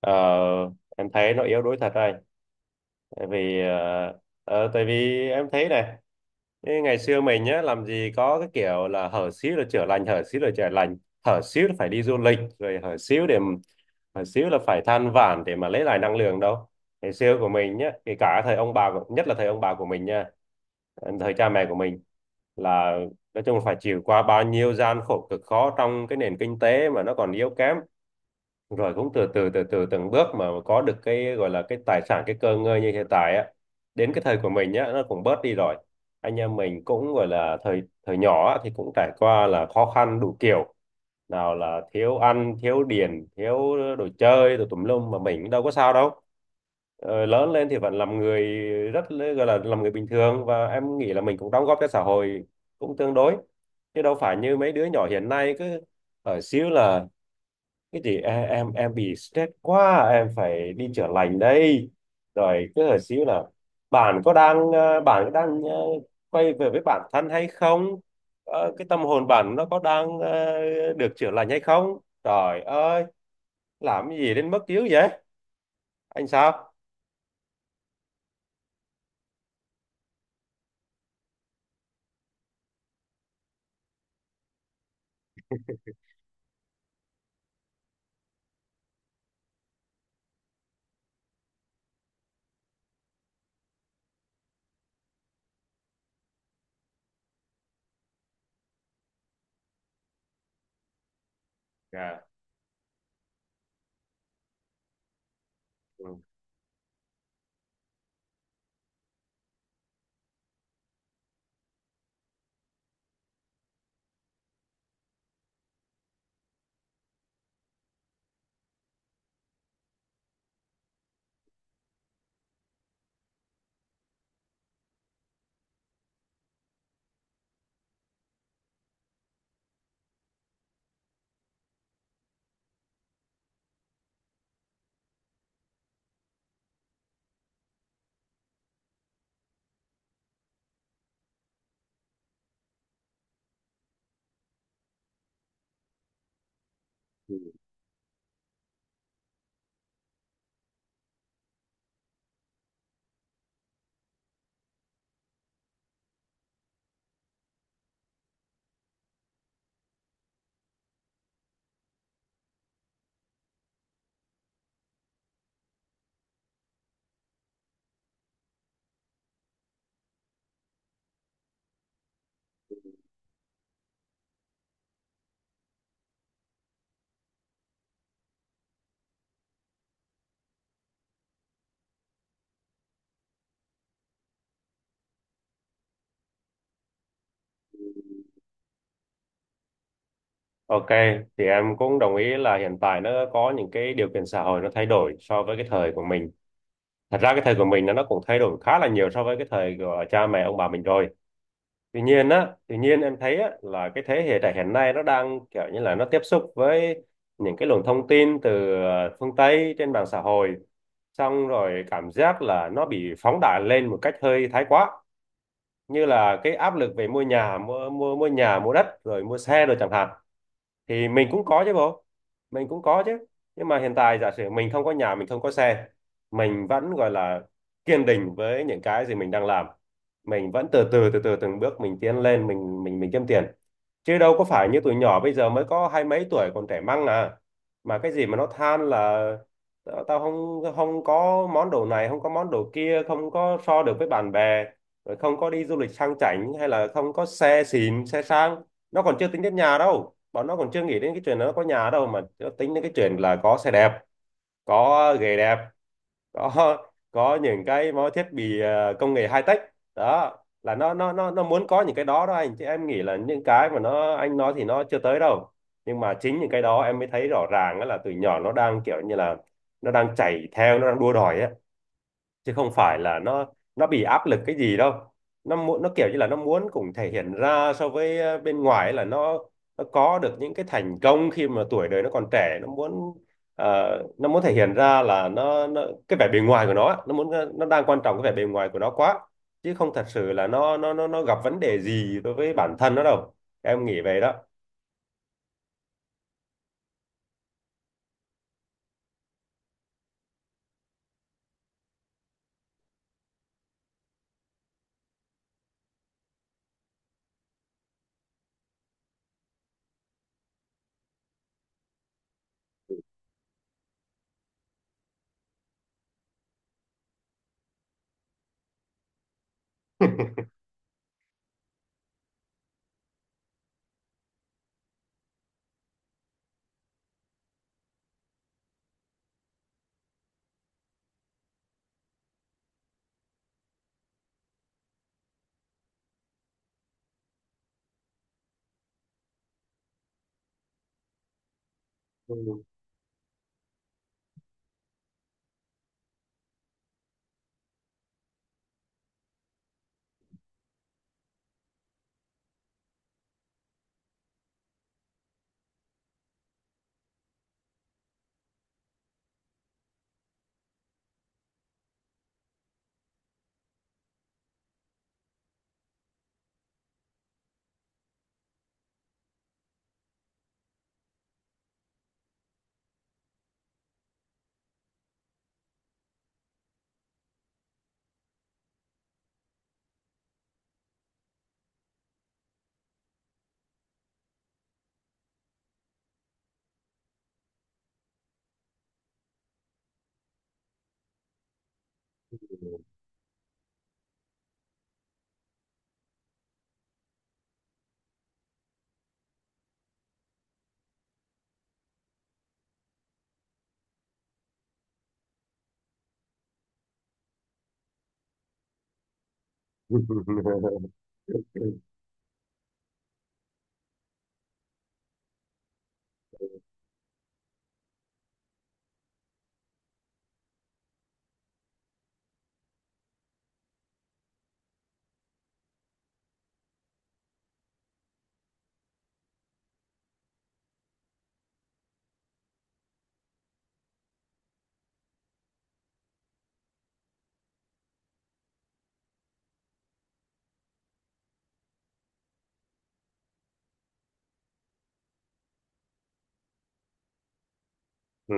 Ờ, em thấy nó yếu đuối thật đây, tại vì tại vì em thấy này. Cái ngày xưa mình nhá làm gì có cái kiểu là hở xíu là chữa lành, hở xíu là chữa lành, hở xíu là phải đi du lịch rồi, hở xíu để hở xíu là phải than vãn để mà lấy lại năng lượng đâu. Ngày xưa của mình nhá, kể cả thời ông bà của- nhất là thời ông bà của mình nha, thời cha mẹ của mình là nói chung là phải chịu qua bao nhiêu gian khổ cực khó trong cái nền kinh tế mà nó còn yếu kém, rồi cũng từ từ từ từ từng bước mà có được cái gọi là cái tài sản, cái cơ ngơi như hiện tại á. Đến cái thời của mình nhá, nó cũng bớt đi rồi, anh em mình cũng gọi là thời thời nhỏ á, thì cũng trải qua là khó khăn đủ kiểu, nào là thiếu ăn thiếu điền thiếu đồ chơi đồ tùm lum mà mình đâu có sao đâu. Ờ, lớn lên thì vẫn làm người gọi là làm người bình thường, và em nghĩ là mình cũng đóng góp cho xã hội cũng tương đối, chứ đâu phải như mấy đứa nhỏ hiện nay cứ ở xíu là thế thì em bị stress quá, em phải đi chữa lành đây, rồi cứ hỏi xíu là bạn có đang bạn có đang quay về với bản thân hay không. Ờ, cái tâm hồn bạn nó có đang được chữa lành hay không. Trời ơi, làm cái gì đến mức dữ vậy? Anh sao? Dạ. Ừ. Ok, thì em cũng đồng ý là hiện tại nó có những cái điều kiện xã hội nó thay đổi so với cái thời của mình. Thật ra cái thời của mình nó cũng thay đổi khá là nhiều so với cái thời của cha mẹ ông bà mình rồi. Tuy nhiên á, tuy nhiên em thấy á là cái thế hệ trẻ hiện nay nó đang kiểu như là nó tiếp xúc với những cái luồng thông tin từ phương Tây trên mạng xã hội, xong rồi cảm giác là nó bị phóng đại lên một cách hơi thái quá, như là cái áp lực về mua nhà, mua mua mua nhà mua đất rồi mua xe rồi chẳng hạn. Thì mình cũng có chứ bộ, mình cũng có chứ, nhưng mà hiện tại giả sử mình không có nhà, mình không có xe, mình vẫn gọi là kiên định với những cái gì mình đang làm. Mình vẫn từ từ từ từ từng bước mình tiến lên, mình kiếm tiền, chứ đâu có phải như tụi nhỏ bây giờ mới có hai mấy tuổi còn trẻ măng à, mà cái gì mà nó than là tao tao không không có món đồ này, không có món đồ kia, không có so được với bạn bè, rồi không có đi du lịch sang chảnh hay là không có xe xịn xe sang. Nó còn chưa tính đến nhà đâu, bọn nó còn chưa nghĩ đến cái chuyện nó có nhà đâu, mà nó tính đến cái chuyện là có xe đẹp, có ghế đẹp, có có những cái mọi thiết bị công nghệ high tech đó. Là nó muốn có những cái đó đó anh, chứ em nghĩ là những cái mà nó anh nói thì nó chưa tới đâu. Nhưng mà chính những cái đó em mới thấy rõ ràng á, là từ nhỏ nó đang kiểu như là nó đang chạy theo, nó đang đua đòi á, chứ không phải là nó bị áp lực cái gì đâu. Nó muốn, nó kiểu như là nó muốn cũng thể hiện ra so với bên ngoài ấy, là nó có được những cái thành công khi mà tuổi đời nó còn trẻ. Nó muốn nó muốn thể hiện ra là nó cái vẻ bề ngoài của nó ấy, nó muốn nó đang quan trọng cái vẻ bề ngoài của nó quá, chứ không thật sự là nó gặp vấn đề gì đối với bản thân nó đâu. Em nghĩ vậy đó. Ừ. Ừ.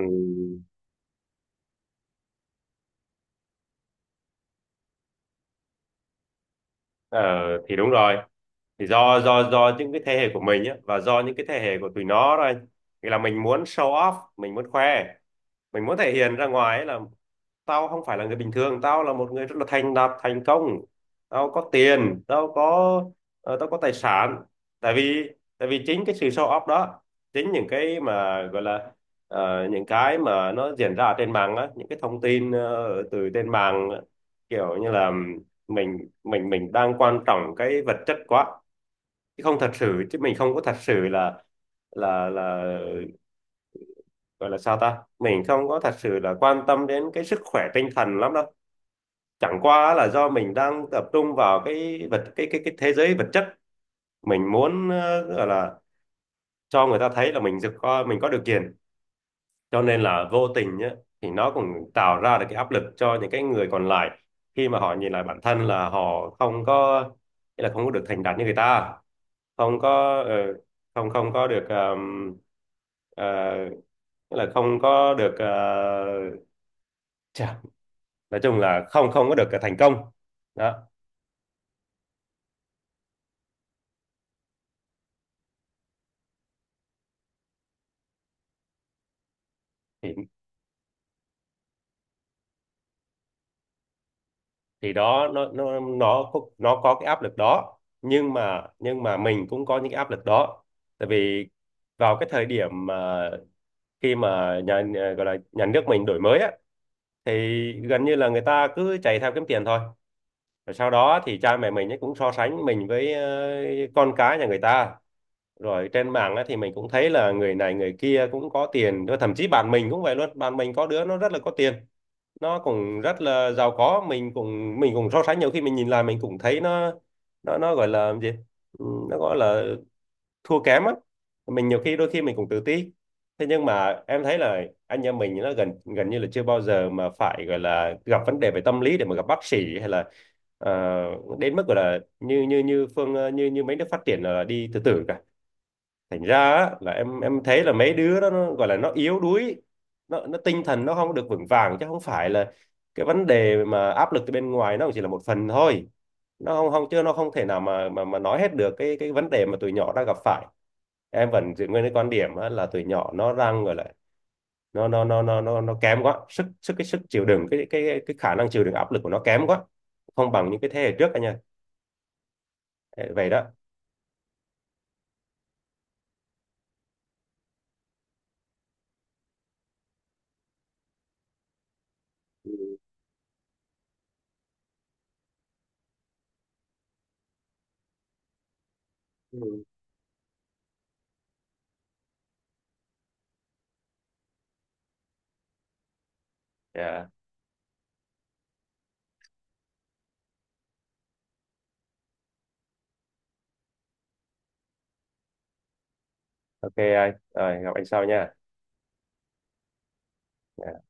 Ờ, thì đúng rồi, thì do những cái thế hệ của mình á và do những cái thế hệ của tụi nó thôi, thì là mình muốn show off, mình muốn khoe, mình muốn thể hiện ra ngoài ấy, là tao không phải là người bình thường, tao là một người rất là thành đạt thành công, tao có tiền, tao có tao có tài sản. Tại vì, tại vì chính cái sự show off đó, chính những cái mà gọi là những cái mà nó diễn ra ở trên mạng á, những cái thông tin từ trên mạng, kiểu như là mình đang quan trọng cái vật chất quá, chứ không thật sự, chứ mình không có thật sự là gọi là sao ta, mình không có thật sự là quan tâm đến cái sức khỏe tinh thần lắm đâu. Chẳng qua là do mình đang tập trung vào cái vật, cái cái thế giới vật chất, mình muốn gọi là cho người ta thấy là mình được có, mình có điều kiện. Cho nên là vô tình nhá, thì nó cũng tạo ra được cái áp lực cho những cái người còn lại, khi mà họ nhìn lại bản thân là họ không có, nghĩa là không có được thành đạt như người ta, không có không không có được ờ, nghĩa là không có được chà, nói chung là không không có được thành công đó. thì thì đó, nó có cái áp lực đó, nhưng mà mình cũng có những cái áp lực đó. Tại vì vào cái thời điểm mà khi mà nhà nhà- gọi là nhà nước mình đổi mới á, thì gần như là người ta cứ chạy theo kiếm tiền thôi. Rồi sau đó thì cha mẹ mình ấy cũng so sánh mình với con cái nhà người ta. Rồi trên mạng á, thì mình cũng thấy là người này người kia cũng có tiền, rồi thậm chí bạn mình cũng vậy luôn, bạn mình có đứa nó rất là có tiền, nó cũng rất là giàu có. Mình cũng so sánh, nhiều khi mình nhìn lại mình cũng thấy nó nó gọi là gì? Ừ, nó gọi là thua kém á. Mình nhiều khi đôi khi mình cũng tự ti. Thế nhưng mà em thấy là anh em mình nó gần gần như là chưa bao giờ mà phải gọi là gặp vấn đề về tâm lý để mà gặp bác sĩ, hay là ờ, đến mức gọi là như như như như như mấy nước phát triển là đi tự tử cả. Thành ra á, là em thấy là mấy đứa đó nó gọi là nó yếu đuối, nó tinh thần nó không được vững vàng, chứ không phải là cái vấn đề mà áp lực từ bên ngoài nó cũng chỉ là một phần thôi. Nó không không, chứ nó không thể nào mà mà nói hết được cái vấn đề mà tụi nhỏ đang gặp phải. Em vẫn giữ nguyên cái quan điểm á, là tụi nhỏ nó đang gọi là nó kém quá, sức sức cái sức chịu đựng, cái khả năng chịu đựng áp lực của nó kém quá, không bằng những cái thế hệ trước anh nha. Vậy đó. Ừ. Yeah. Ok anh, rồi gặp anh sau nha. Dạ.